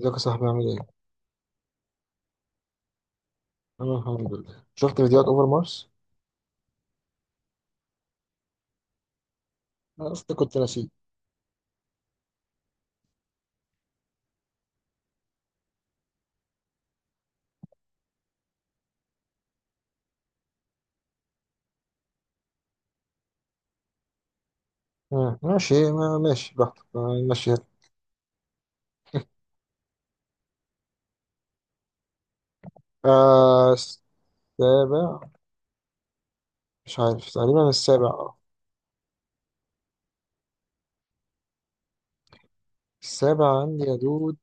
ازيك يا صاحبي، عامل ايه؟ انا الحمد لله. شفت فيديوهات اوفر مارس؟ انا اصلا كنت ناسيه. آه. ماشي، ما ماشي براحتك. آه، ماشي يلا. آه، السابع. مش عارف، تقريبا السابع اه. السابع عندي يا دود.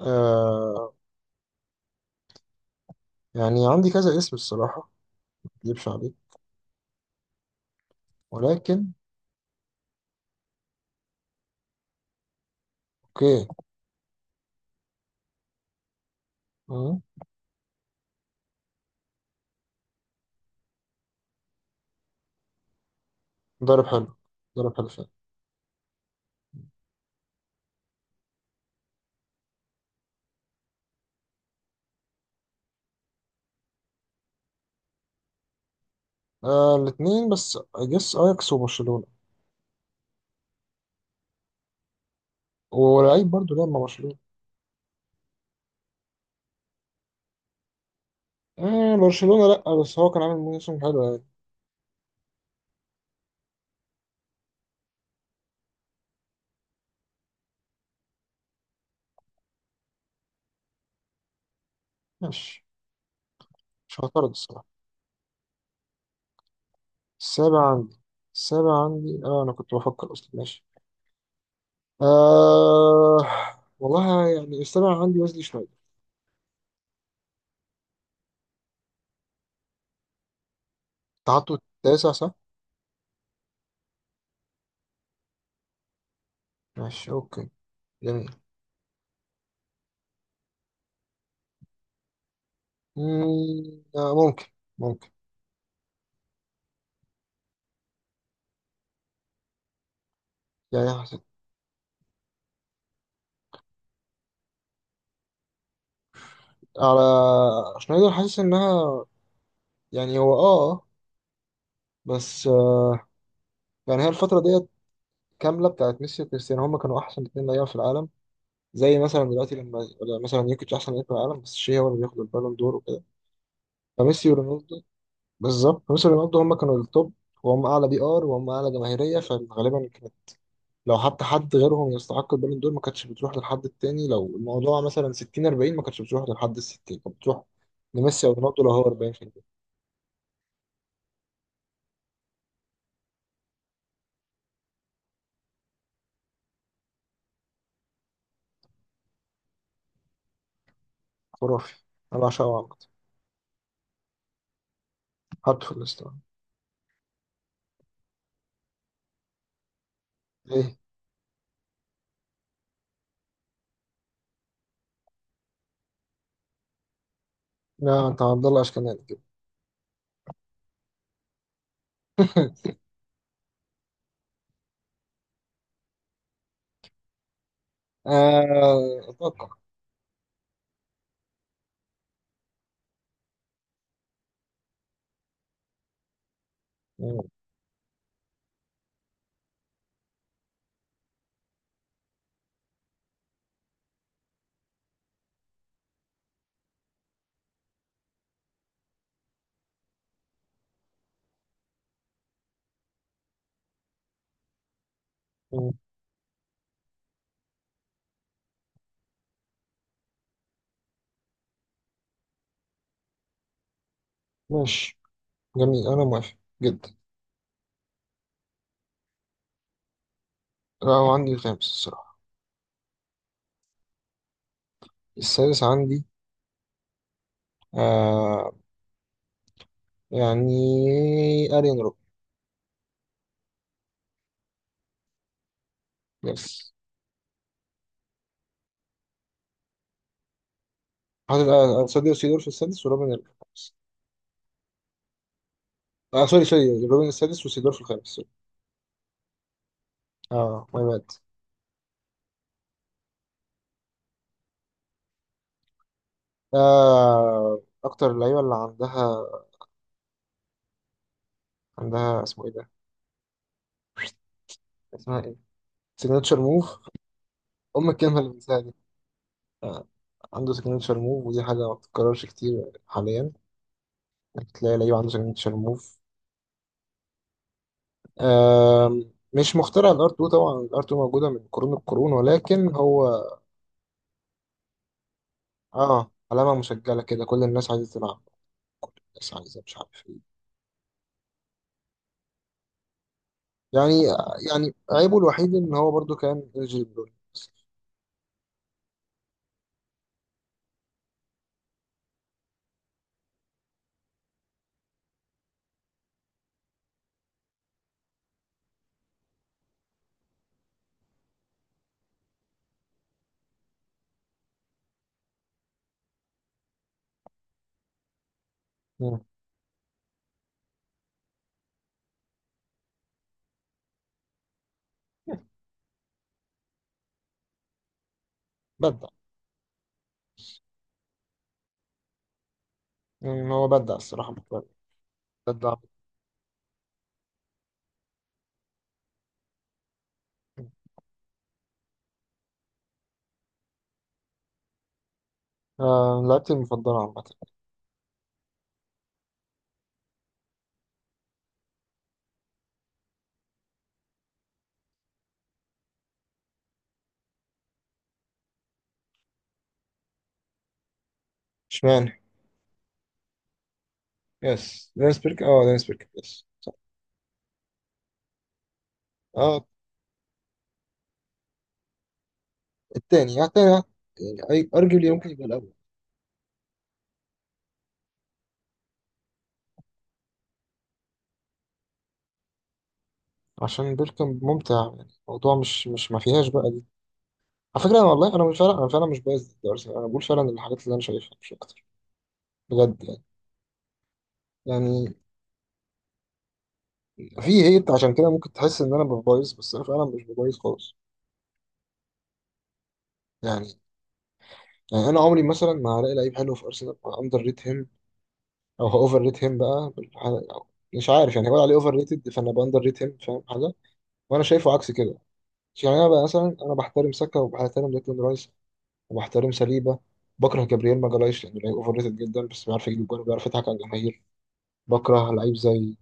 آه. يعني عندي كذا اسم الصراحة، مكدبش عليك، ولكن. اوكي. مم. ضرب حلو. ضرب حلو فعلا. آه الاتنين، بس اجس اياكس وبرشلونة. ولعيب برضه لعب مع برشلونة. آه، برشلونة لأ، بس هو كان عامل موسم حلو يعني. ماشي. مش هعترض الصراحة. السابع عندي. السابع عندي اه. انا كنت بفكر اصلا. ماشي. آه، والله يعني السابع عندي ويزلي شوية. تعطوا. التاسع صح؟ ماشي. اوكي. جميل. ممكن، ممكن. يعني حسن. على، شنايدر حاسس انها، يعني هو بس يعني هي الفترة ديت كاملة، بتاعت ميسي وكريستيانو. هما كانوا أحسن اتنين لعيبة في العالم، زي مثلا دلوقتي، لما مثلا يوكيتش أحسن لعيب في العالم. بس شيء، هو اللي بياخد البالون دور وكده، فميسي ورونالدو. بالظبط، ميسي ورونالدو هم كانوا التوب، وهم اعلى بي ار، وهم اعلى جماهيريه. فغالبا كانت، لو حتى حد غيرهم يستحق البالون دور، ما كانتش بتروح للحد التاني. لو الموضوع مثلا 60 40 ما كانتش بتروح للحد ال 60، كانت بتروح لميسي او رونالدو، لو هو 40%. خرافي. انا بعشقه عامه. حطه في الاسطوانه. ايه؟ لا، انت عبد الله اشكناني كده. اتوقع. مم، مم، ماشي. جميل، انا موافق جدا. لا، هو عندي الخامس الصراحه. السادس عندي. آه. يعني ارين. يس. حاطط ساديو سيدور في السادس، وروبن الخامس. سوري، سوري. روبن السادس، وسيدور في الخامس. سوري. اه ماي باد. آه، أكتر اللعيبة اللي عندها، عندها اسمه إيه ده؟ اسمها إيه؟ سيجنتشر موف. الكلمة اللي بنساها دي. آه. عنده سيجنتشر موف، ودي حاجة ما بتتكررش كتير حاليا، إنك تلاقي لعيب عنده سيجنتشر موف. آه. مش مخترع الار 2 طبعا، الار 2 موجودة من قرون القرون، ولكن هو اه علامة مسجلة كده. كل الناس عايزة تلعب، كل الناس عايزة مش عارف إيه. يعني، يعني عيبه الوحيد ان هو برضو كان الجيبرون. بدع. يعني هو بدع الصراحة. بدع. آه، لعبتي المفضلة عامة. اشمعنى؟ يس، دينيس بيرك. اه دينيس بيرك، يس صح. اه. التاني، يعني التاني. يعني ارجلي يمكن يبقى الاول. عشان بيركم ممتع. يعني الموضوع مش ما فيهاش بقى دي. على فكرة، انا والله، انا مش فعلا، انا فعلا مش بايظ ضد ارسنال. انا بقول فعلا الحاجات اللي انا شايفها، مش اكتر. بجد يعني. يعني في هيت، عشان كده ممكن تحس ان انا ببايظ، بس انا فعلا مش ببايظ خالص. يعني. يعني انا عمري مثلا ما هلاقي لعيب حلو في ارسنال، اندر ريت هيم، او اوفر ريت هيم بقى أو، مش عارف. يعني هقول عليه اوفر ريتد فانا باندر ريت هيم، فاهم حاجه؟ وانا شايفه عكس كده. يعني انا بقى مثلا، انا بحترم ساكا، وبحترم ديكلان رايس، وبحترم سليبه. بكره جابرييل ماجالايش لانه لعيب اوفر ريتد جدا، بس بيعرف يجيب جول وبيعرف يضحك على الجماهير. بكره لعيب زي،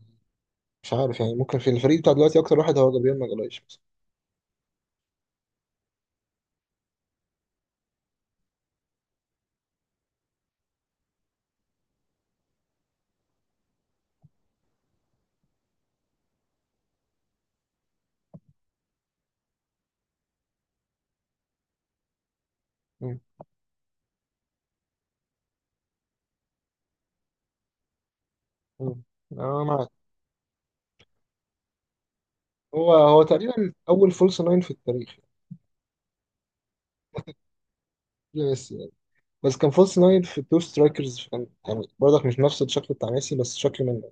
مش عارف. يعني ممكن في الفريق بتاع دلوقتي، اكتر واحد هو جابرييل ماجالايش مثلا. مم. مم. انا معاك. هو تقريبا اول فولس ناين في التاريخ. بس، بس كان فولس ناين في تو سترايكرز. كان يعني برضك مش نفس الشكل بتاع ميسي، بس شكل منه.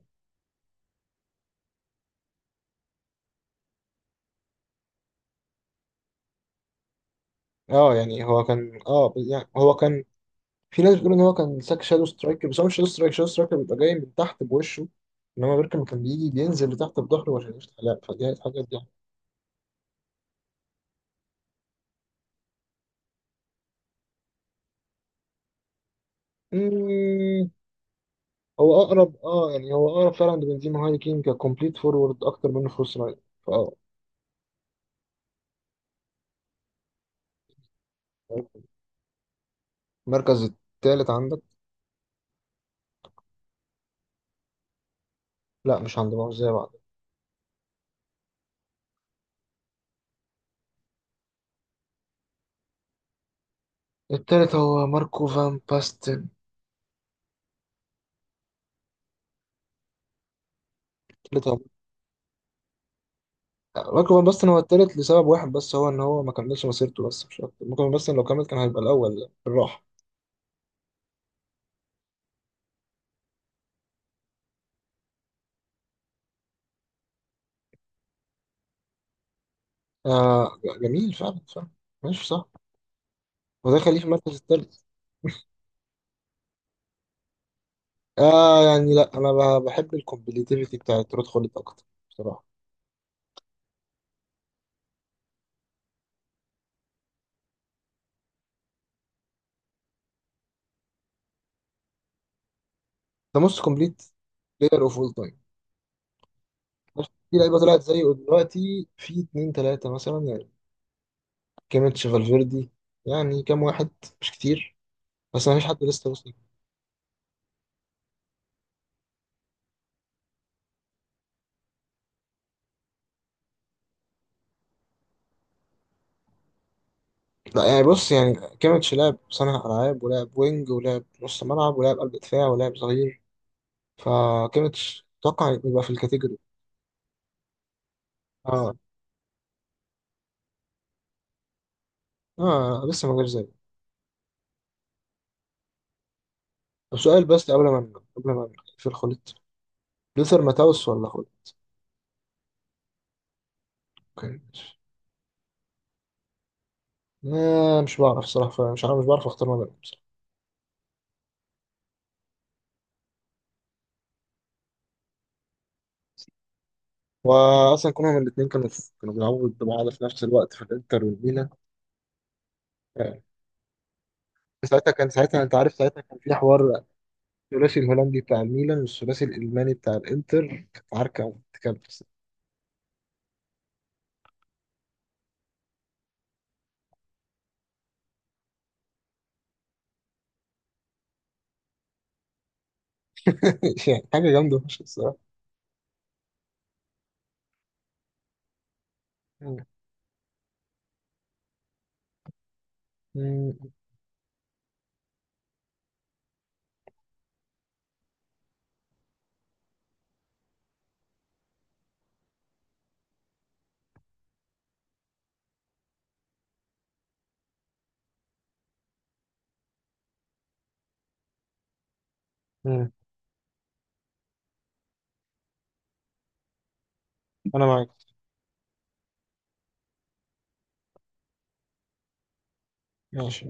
اه يعني هو كان، يعني هو كان، في ناس بتقول ان هو كان ساك شادو سترايكر. بس هو مش شادو سترايكر، شادو سترايكر بيبقى جاي من تحت بوشه، انما بيركم كان بيجي بينزل لتحت بظهره عشان يفتح لعب، فدي الحاجات دي. مم، هو اقرب، يعني هو اقرب فعلا لبنزيما هاي كين ككومبليت فورورد، اكتر منه فولس ناين. فاه المركز التالت عندك. لا، مش عند بعض زي بعض. التالت هو ماركو فان باستن. التالت هو رقم، بس هو التالت لسبب واحد بس، هو ان هو ما كملش مسيرته، بس مش اكتر. ممكن بس لو كمل كان هيبقى الاول يعني، بالراحه. آه. جميل فعلا، فعلا. ماشي صح. وده خليه في المركز التالت. آه، يعني لا، انا بحب الكومبليتيفيتي بتاعت رود خوليت اكتر، بصراحه. ده موست كومبليت بلاير اوف اول تايم. في لعيبه طلعت زيه دلوقتي في اتنين تلاته مثلا، يعني كيميتش، فالفيردي. يعني كام واحد؟ مش كتير، بس ما فيش حد لسه وصل. لا، يعني بص يعني، كيميتش لعب صانع ألعاب، ولعب وينج، ولعب نص ملعب، ولعب قلب دفاع، ولعب ظهير، فكيميتش أتوقع يبقى في الكاتيجوري. اه. اه، لسه ما جاش زيه. طب سؤال، بس قبل ما في الخليط، لوثر ماتاوس ولا خليط؟ اوكي، ماشي. آه، مش بعرف صراحة، مش بعرف اختار ما بينهم بصراحة. واصلا كلهم، الاثنين كانوا، كانوا بيلعبوا ضد بعض في نفس الوقت في الانتر والميلان. آه. ساعتها كان، ساعتها انت عارف، ساعتها كان في حوار الثلاثي الهولندي بتاع الميلان والثلاثي الالماني بتاع الانتر. كانت عركه وبتتكلم. يعني حاجه جامده مش الصراحه. مم. مم. مم. انا معاك. ماشي